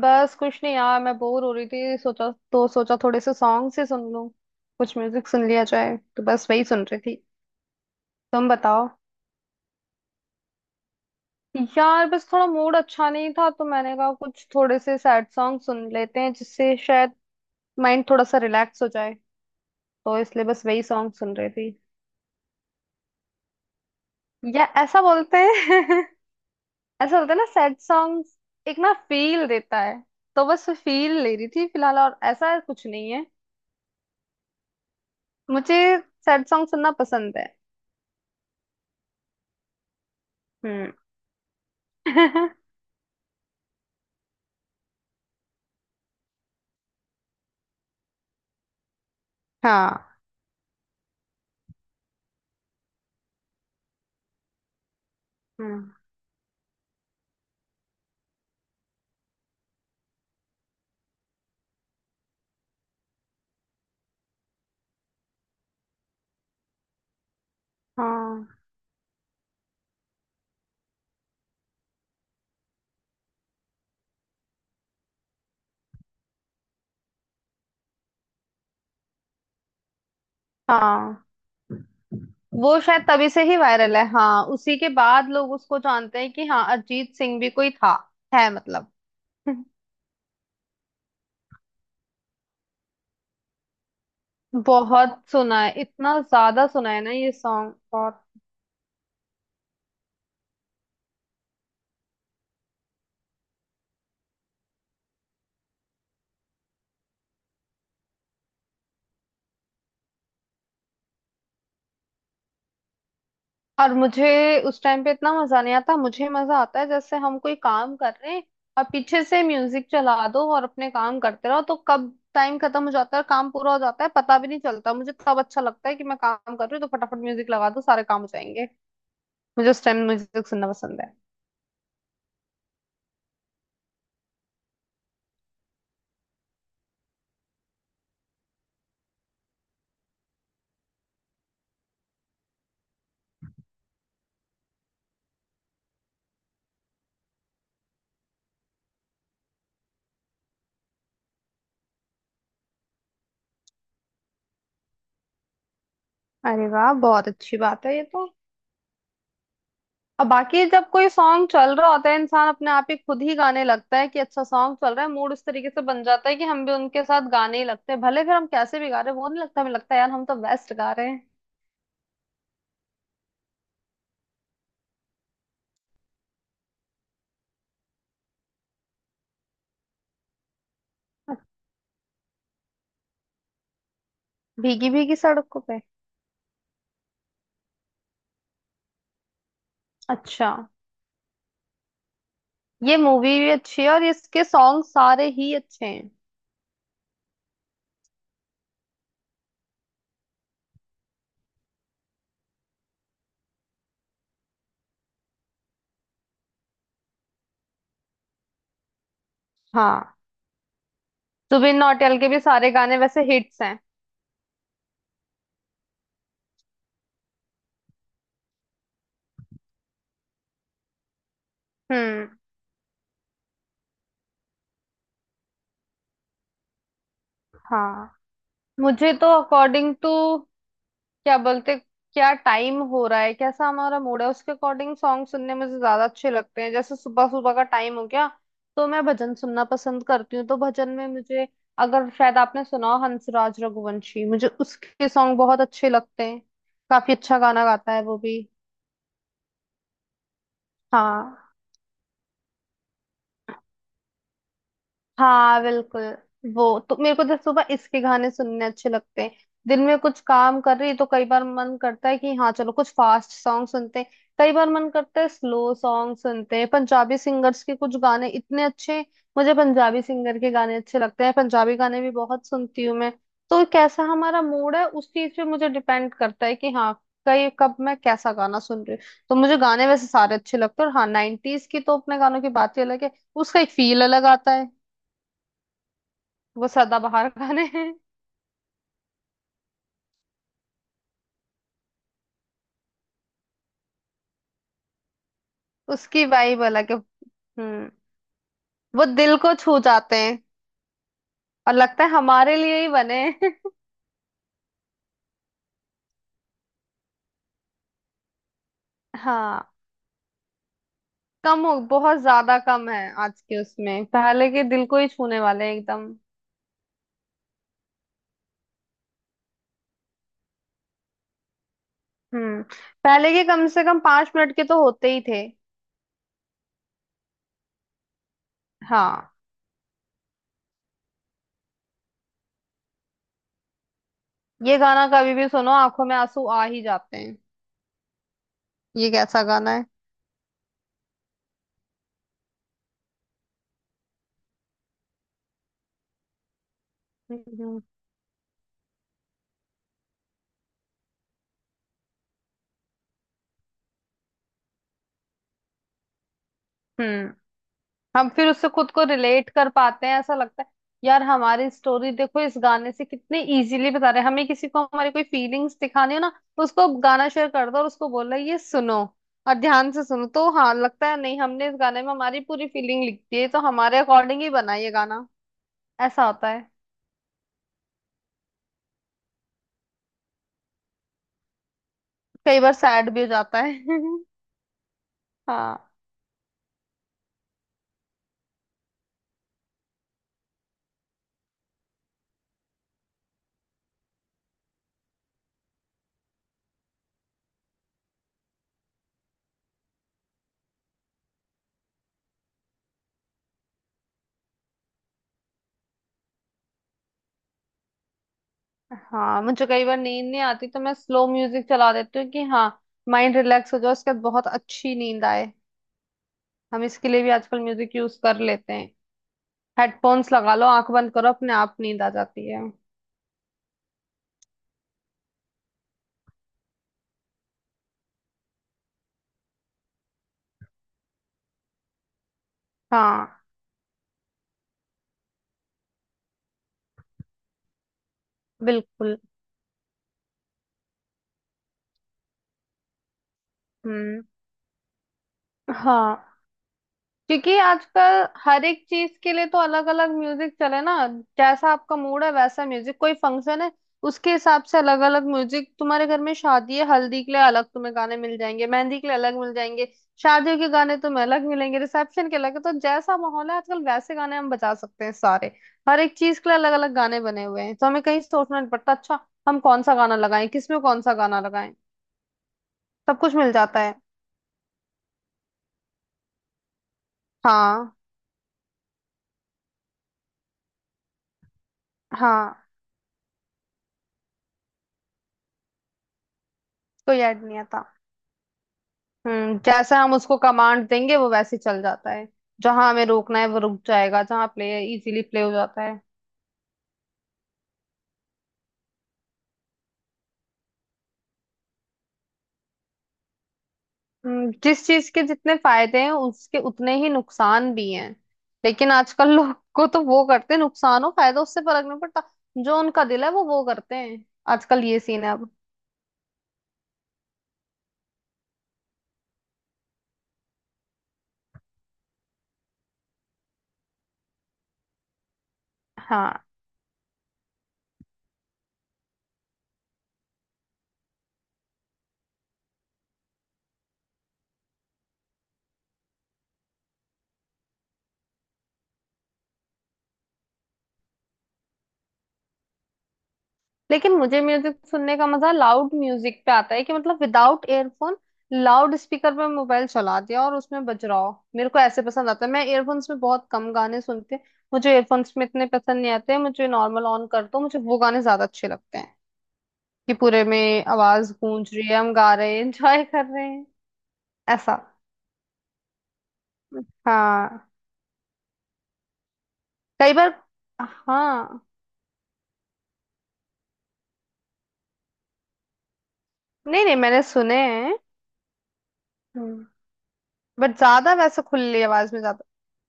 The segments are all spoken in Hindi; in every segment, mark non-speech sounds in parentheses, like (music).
बस कुछ नहीं यार, मैं बोर हो रही थी। सोचा थोड़े से सॉन्ग से सुन लूं, कुछ म्यूजिक सुन लिया जाए। तो बस वही सुन रही थी। तुम बताओ। यार बस थोड़ा मूड अच्छा नहीं था, तो मैंने कहा कुछ थोड़े से सैड सॉन्ग सुन लेते हैं, जिससे शायद माइंड थोड़ा सा रिलैक्स हो जाए। तो इसलिए बस वही सॉन्ग सुन रही थी। या ऐसा बोलते हैं। (laughs) ऐसा बोलते हैं ना सैड सॉन्ग, एक ना फील देता है। तो बस फील ले रही थी फिलहाल, और ऐसा कुछ नहीं है। मुझे सैड सॉन्ग सुनना पसंद है। हम्म। (laughs) हाँ। हम्म। हाँ, हाँ, वो शायद तभी से ही वायरल है। हाँ, उसी के बाद लोग उसको जानते हैं कि हाँ अरिजीत सिंह भी कोई था है मतलब। (laughs) बहुत सुना है, इतना ज्यादा सुना है ना ये सॉन्ग। और मुझे उस टाइम पे इतना मजा नहीं आता। मुझे मजा आता है जैसे हम कोई काम कर रहे हैं और पीछे से म्यूजिक चला दो और अपने काम करते रहो, तो कब टाइम खत्म हो जाता है और काम पूरा हो जाता है पता भी नहीं चलता। मुझे तब अच्छा लगता है कि मैं काम कर रही हूँ, तो फटाफट म्यूजिक लगा दो सारे काम हो जाएंगे। मुझे उस टाइम म्यूजिक सुनना पसंद है। अरे वाह, बहुत अच्छी बात है ये तो। अब बाकी जब कोई सॉन्ग चल रहा होता है, इंसान अपने आप ही खुद ही गाने लगता है कि अच्छा सॉन्ग चल रहा है, मूड उस तरीके से बन जाता है कि हम भी उनके साथ गाने ही लगते हैं। भले फिर हम कैसे भी गा रहे हैं वो नहीं लगता, हमें लगता है यार हम तो बेस्ट गा रहे हैं। भीगी भीगी सड़कों पे। अच्छा, ये मूवी भी अच्छी है और इसके सॉन्ग सारे ही अच्छे हैं। हाँ, जुबिन नौटियाल के भी सारे गाने वैसे हिट्स हैं। हम्म। हाँ। मुझे तो अकॉर्डिंग टू, क्या बोलते क्या टाइम हो रहा है, कैसा हमारा मूड है, उसके अकॉर्डिंग सॉन्ग सुनने मुझे ज्यादा अच्छे लगते हैं। जैसे सुबह सुबह का टाइम हो गया, तो मैं भजन सुनना पसंद करती हूँ। तो भजन में मुझे, अगर शायद आपने सुना हो, हंसराज रघुवंशी, मुझे उसके सॉन्ग बहुत अच्छे लगते हैं। काफी अच्छा गाना गाता है वो भी। हाँ, हाँ, बिल्कुल। वो, तो मेरे को तो सुबह इसके गाने सुनने अच्छे लगते हैं। दिन में कुछ काम कर रही तो कई बार मन करता है कि हाँ चलो कुछ फास्ट सॉन्ग सुनते हैं। कई बार मन करता है स्लो सॉन्ग सुनते हैं। पंजाबी सिंगर्स के कुछ गाने इतने अच्छे, मुझे पंजाबी सिंगर के गाने अच्छे लगते हैं, पंजाबी गाने भी बहुत सुनती हूँ मैं। तो कैसा हमारा मूड है उस चीज पे मुझे डिपेंड करता है कि हाँ कई कब मैं कैसा गाना सुन रही हूँ। तो मुझे गाने वैसे सारे अच्छे लगते हैं। और हाँ, नाइनटीज की तो अपने गानों की बात ही अलग है। उसका एक फील अलग आता है। वो सदाबहार गाने हैं। उसकी वाइब अलग है। हम्म। वो दिल को छू जाते हैं और लगता है हमारे लिए ही बने हैं। (laughs) हाँ, कम हो, बहुत ज्यादा कम है आज के उसमें। पहले के दिल को ही छूने वाले हैं एकदम। हम्म, पहले के कम से कम 5 मिनट के तो होते ही थे। हाँ, ये गाना कभी भी सुनो आंखों में आंसू आ ही जाते हैं। ये कैसा गाना है। हम्म। हम्म। हम फिर उससे खुद को रिलेट कर पाते हैं, ऐसा लगता है। यार हमारी स्टोरी देखो, इस गाने से कितने इजीली बता रहे हैं। हमें किसी को हमारी कोई फीलिंग्स दिखानी हो ना, उसको गाना शेयर कर दो और उसको बोल रहे ये सुनो और ध्यान से सुनो, तो हाँ लगता है, नहीं हमने इस गाने में हमारी पूरी फीलिंग लिख दी है, तो हमारे अकॉर्डिंग ही बना ये गाना। ऐसा होता है। कई बार सैड भी हो जाता है। (laughs) हाँ। हाँ, मुझे कई बार नींद नहीं आती तो मैं स्लो म्यूजिक चला देती हूँ कि हाँ माइंड रिलैक्स हो जाए, उसके बाद बहुत अच्छी नींद आए। हम इसके लिए भी आजकल म्यूजिक यूज कर लेते हैं। हेडफोन्स लगा लो, आंख बंद करो, अपने आप नींद आ जाती है। हाँ, बिल्कुल। हम्म। हाँ, क्योंकि आजकल हर एक चीज के लिए तो अलग अलग म्यूजिक चले ना। जैसा आपका मूड है वैसा म्यूजिक, कोई फंक्शन है उसके हिसाब से अलग अलग म्यूजिक। तुम्हारे घर में शादी है, हल्दी के लिए अलग तुम्हें गाने मिल जाएंगे, मेहंदी के लिए अलग मिल जाएंगे, शादियों के गाने तुम्हें अलग मिलेंगे, रिसेप्शन के अलग। तो जैसा माहौल है आजकल वैसे गाने हम बजा सकते हैं सारे। हर एक चीज के लिए अलग अलग गाने बने हुए हैं, तो हमें कहीं सोचना नहीं पड़ता अच्छा हम कौन सा गाना लगाएं, किसमें कौन सा गाना लगाएं। सब कुछ मिल जाता है। हाँ। हाँ, कोई ऐड नहीं आता। हम्म, जैसा हम उसको कमांड देंगे वो वैसे चल जाता है। जहां हमें रोकना है वो रुक जाएगा, जहां प्ले इजीली प्ले हो जाता है। जिस चीज के जितने फायदे हैं उसके उतने ही नुकसान भी हैं। लेकिन आजकल (laughs) लोग को तो वो करते हैं, नुकसान हो फायदा उससे फर्क नहीं पड़ता, जो उनका दिल है वो करते हैं। आजकल ये सीन है अब। हाँ। लेकिन मुझे म्यूजिक सुनने का मजा लाउड म्यूजिक पे आता है, कि मतलब विदाउट एयरफोन, लाउड स्पीकर पे मोबाइल चला दिया और उसमें बज रहा हो, मेरे को ऐसे पसंद आता है। मैं एयरफोन्स में बहुत कम गाने सुनती हूँ। मुझे एयरफोन्स में इतने पसंद नहीं आते, मुझे नॉर्मल ऑन कर दो, मुझे वो गाने ज्यादा अच्छे लगते हैं कि पूरे में आवाज गूंज रही है, हम गा रहे हैं, एंजॉय कर रहे हैं। ऐसा। हाँ, कई बार। हाँ। नहीं नहीं, मैंने सुने हैं। हम्म। बट ज्यादा वैसे खुली आवाज में ज्यादा,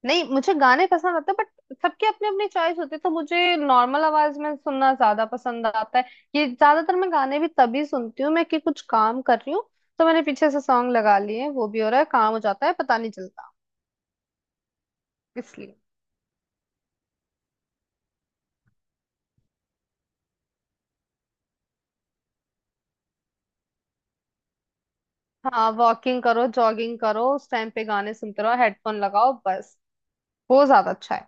नहीं मुझे गाने पसंद आते हैं, बट सबके अपने अपनी चॉइस होती है, तो मुझे नॉर्मल आवाज में सुनना ज्यादा पसंद आता है। ये ज्यादातर मैं गाने भी तभी सुनती हूँ मैं कि कुछ काम कर रही हूँ, तो मैंने पीछे से सॉन्ग लगा लिए हैं, वो भी हो रहा है, काम हो जाता है पता नहीं चलता इसलिए। हाँ, वॉकिंग करो, जॉगिंग करो, उस टाइम पे गाने सुनते रहो, हेडफोन लगाओ बस, वो ज्यादा अच्छा है।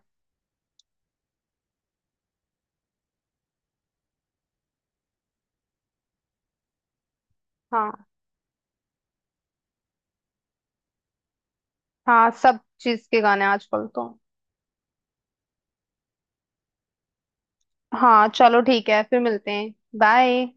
हाँ। हाँ, सब चीज के गाने आजकल तो। हाँ चलो ठीक है, फिर मिलते हैं। बाय।